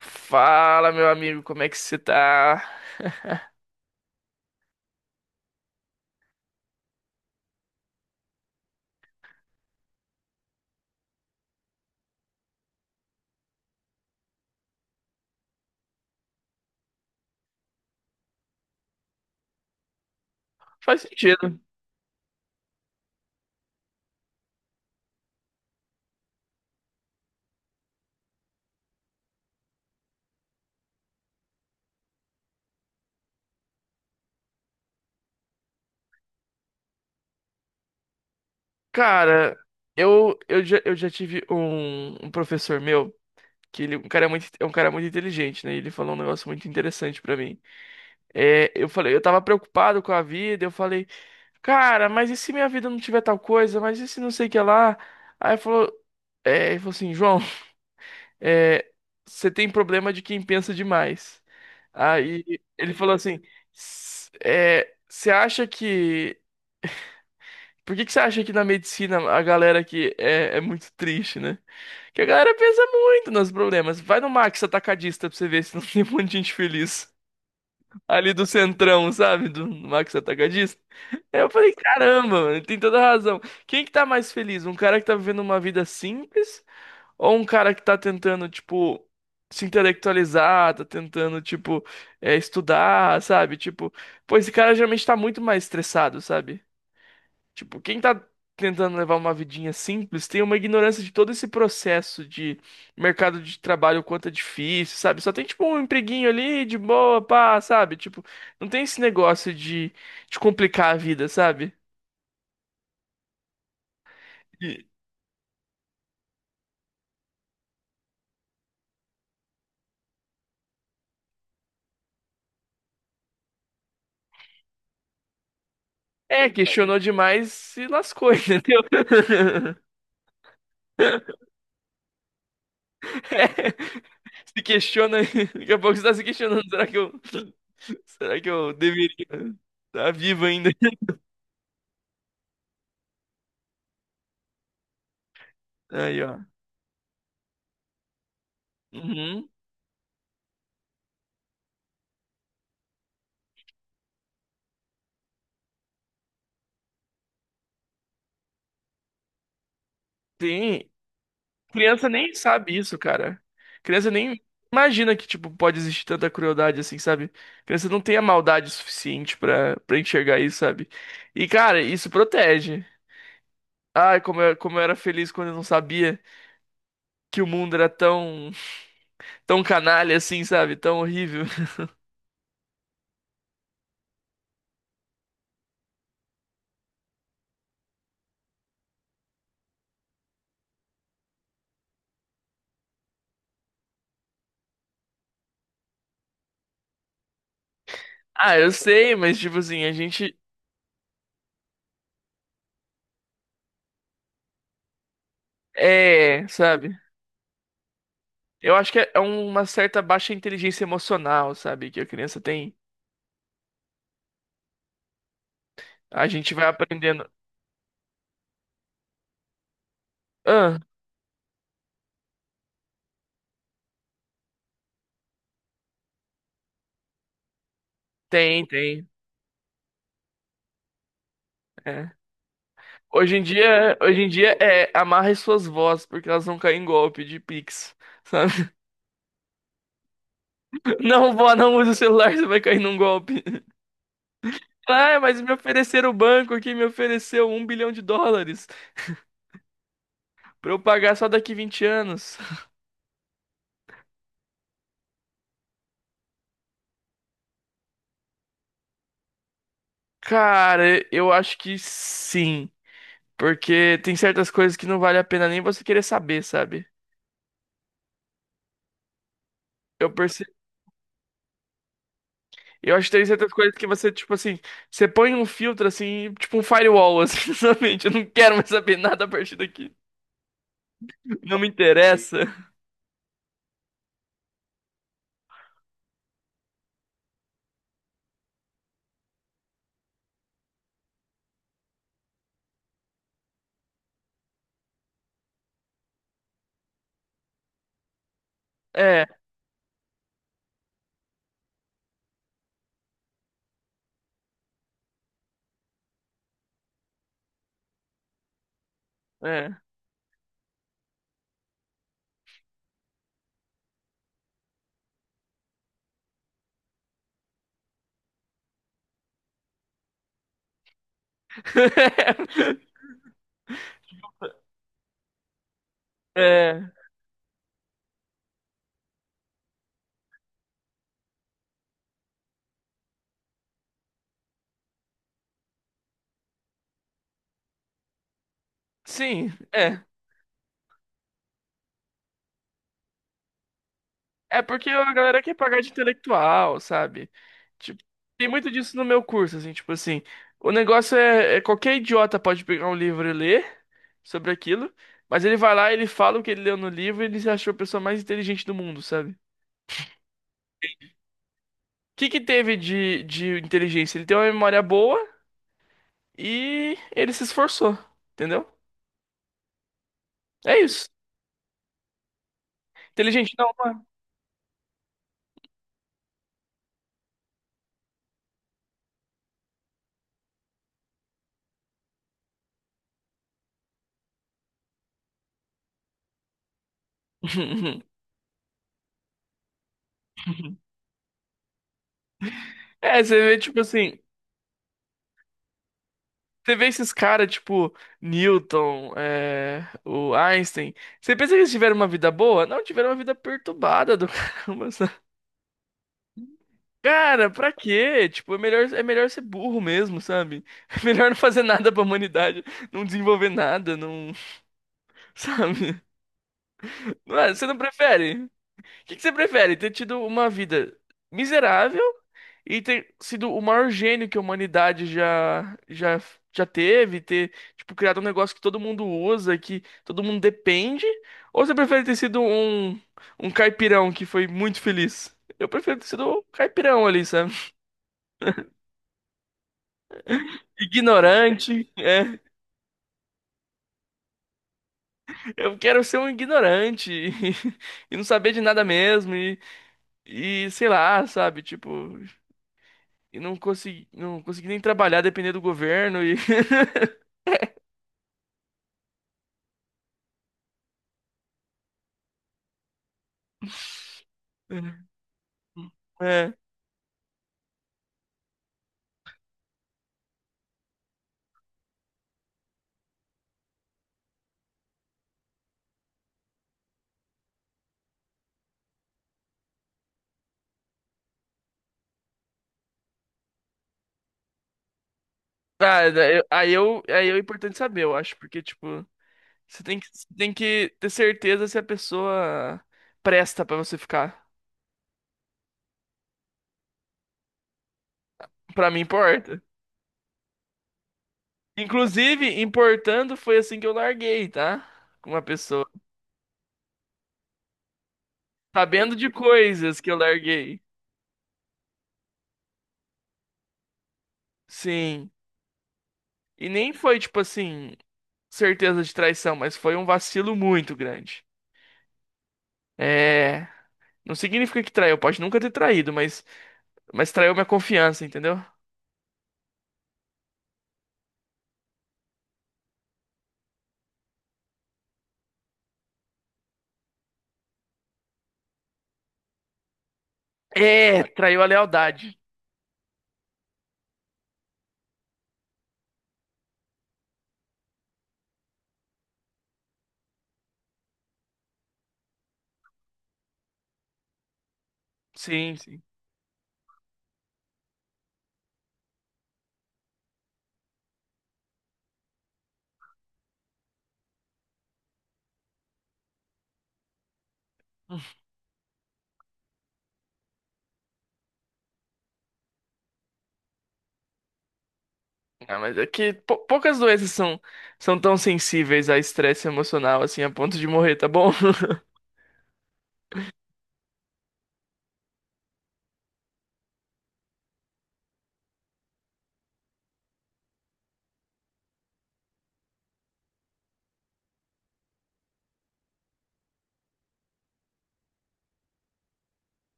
Fala, meu amigo, como é que você tá? Faz sentido. Cara, eu já tive um professor meu, que ele é um cara muito inteligente, né? Ele falou um negócio muito interessante pra mim. Eu falei, eu tava preocupado com a vida, eu falei, cara, mas e se minha vida não tiver tal coisa? Mas e se não sei o que lá? Aí ele falou, ele falou assim, João. é, Você tem problema de quem pensa demais. Aí ele falou assim, " Você acha que... Por que que você acha que na medicina a galera aqui é muito triste, né? Que a galera pensa muito nos problemas. Vai no Max Atacadista pra você ver se não tem um monte de gente feliz. Ali do centrão, sabe? Do Max Atacadista. Aí eu falei, caramba, mano, ele tem toda razão. Quem que tá mais feliz? Um cara que tá vivendo uma vida simples ou um cara que tá tentando, tipo, se intelectualizar, tá tentando, tipo, estudar, sabe? Tipo, pô, esse cara geralmente tá muito mais estressado, sabe? Tipo, quem tá tentando levar uma vidinha simples tem uma ignorância de todo esse processo de mercado de trabalho, o quanto é difícil, sabe? Só tem, tipo, um empreguinho ali, de boa, pá, sabe? Tipo, não tem esse negócio de complicar a vida, sabe? E- É, questionou demais e lascou, entendeu? É. Se questiona, daqui a pouco você tá se questionando, será que eu, será que eu deveria estar vivo ainda? Aí, ó. Uhum. Tem. Criança nem sabe isso, cara. Criança nem imagina que, tipo, pode existir tanta crueldade assim, sabe? Criança não tem a maldade suficiente pra enxergar isso, sabe? E, cara, isso protege. Ai, como eu era feliz quando eu não sabia que o mundo era tão, tão canalha assim, sabe? Tão horrível. Ah, eu sei, mas, tipo assim, a gente. É, sabe? Eu acho que é uma certa baixa inteligência emocional, sabe? Que a criança tem. A gente vai aprendendo. Ah, tem. É. Hoje em dia é amarre suas vozes, porque elas vão cair em golpe de Pix, sabe? Não, vó, não use o celular, você vai cair num golpe. Ah, mas me ofereceram o banco aqui, me ofereceu US$ 1 bilhão pra eu pagar só daqui 20 anos. Cara, eu acho que sim. Porque tem certas coisas que não vale a pena nem você querer saber, sabe? Eu Eu acho que tem certas coisas que você, tipo assim, você põe um filtro assim, tipo um firewall, assim, na. Eu não quero mais saber nada a partir daqui. Não me interessa. É, é. É, sim, é. É porque a galera quer pagar de intelectual, sabe? Tipo, tem muito disso no meu curso, assim, tipo assim, o negócio é qualquer idiota pode pegar um livro e ler sobre aquilo, mas ele vai lá, ele fala o que ele leu no livro e ele se achou a pessoa mais inteligente do mundo, sabe? Que teve de inteligência? Ele tem uma memória boa e ele se esforçou, entendeu? É isso. Inteligente não. É, você vê, tipo assim, você vê esses caras, tipo, Newton, o Einstein. Você pensa que eles tiveram uma vida boa? Não, tiveram uma vida perturbada do caramba, sabe? Cara, pra quê? Tipo, é melhor ser burro mesmo, sabe? É melhor não fazer nada pra humanidade, não desenvolver nada, não, sabe? Não é? Você não prefere? O que que você prefere? Ter tido uma vida miserável e ter sido o maior gênio que a humanidade já teve, ter, tipo, criado um negócio que todo mundo usa, que todo mundo depende? Ou você prefere ter sido um caipirão que foi muito feliz? Eu prefiro ter sido um caipirão ali, sabe? Ignorante, é. Eu quero ser um ignorante e, e não saber de nada mesmo e sei lá, sabe? Tipo, e não consegui nem trabalhar, depender do governo. E é. É. Ah, é, eu, aí é importante saber, eu acho, porque, tipo, você tem que ter certeza se a pessoa presta pra você ficar. Pra mim, importa. Inclusive, importando foi assim que eu larguei, tá? Com uma pessoa. Sabendo de coisas que eu larguei. Sim. E nem foi, tipo assim, certeza de traição, mas foi um vacilo muito grande. É. Não significa que traiu, pode nunca ter traído, mas traiu minha confiança, entendeu? É, traiu a lealdade. Sim, sim. Ah, mas é que pou- poucas doenças são, são tão sensíveis a estresse emocional assim a ponto de morrer, tá bom?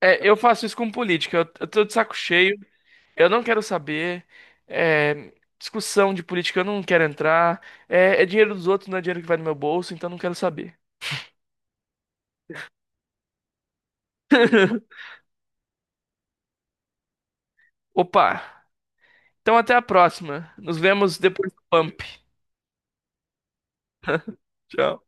É, eu faço isso com política. Eu tô de saco cheio. Eu não quero saber. É, discussão de política, eu não quero entrar. É dinheiro dos outros, não é dinheiro que vai no meu bolso, então não quero saber. Opa. Então até a próxima. Nos vemos depois do pump. Tchau.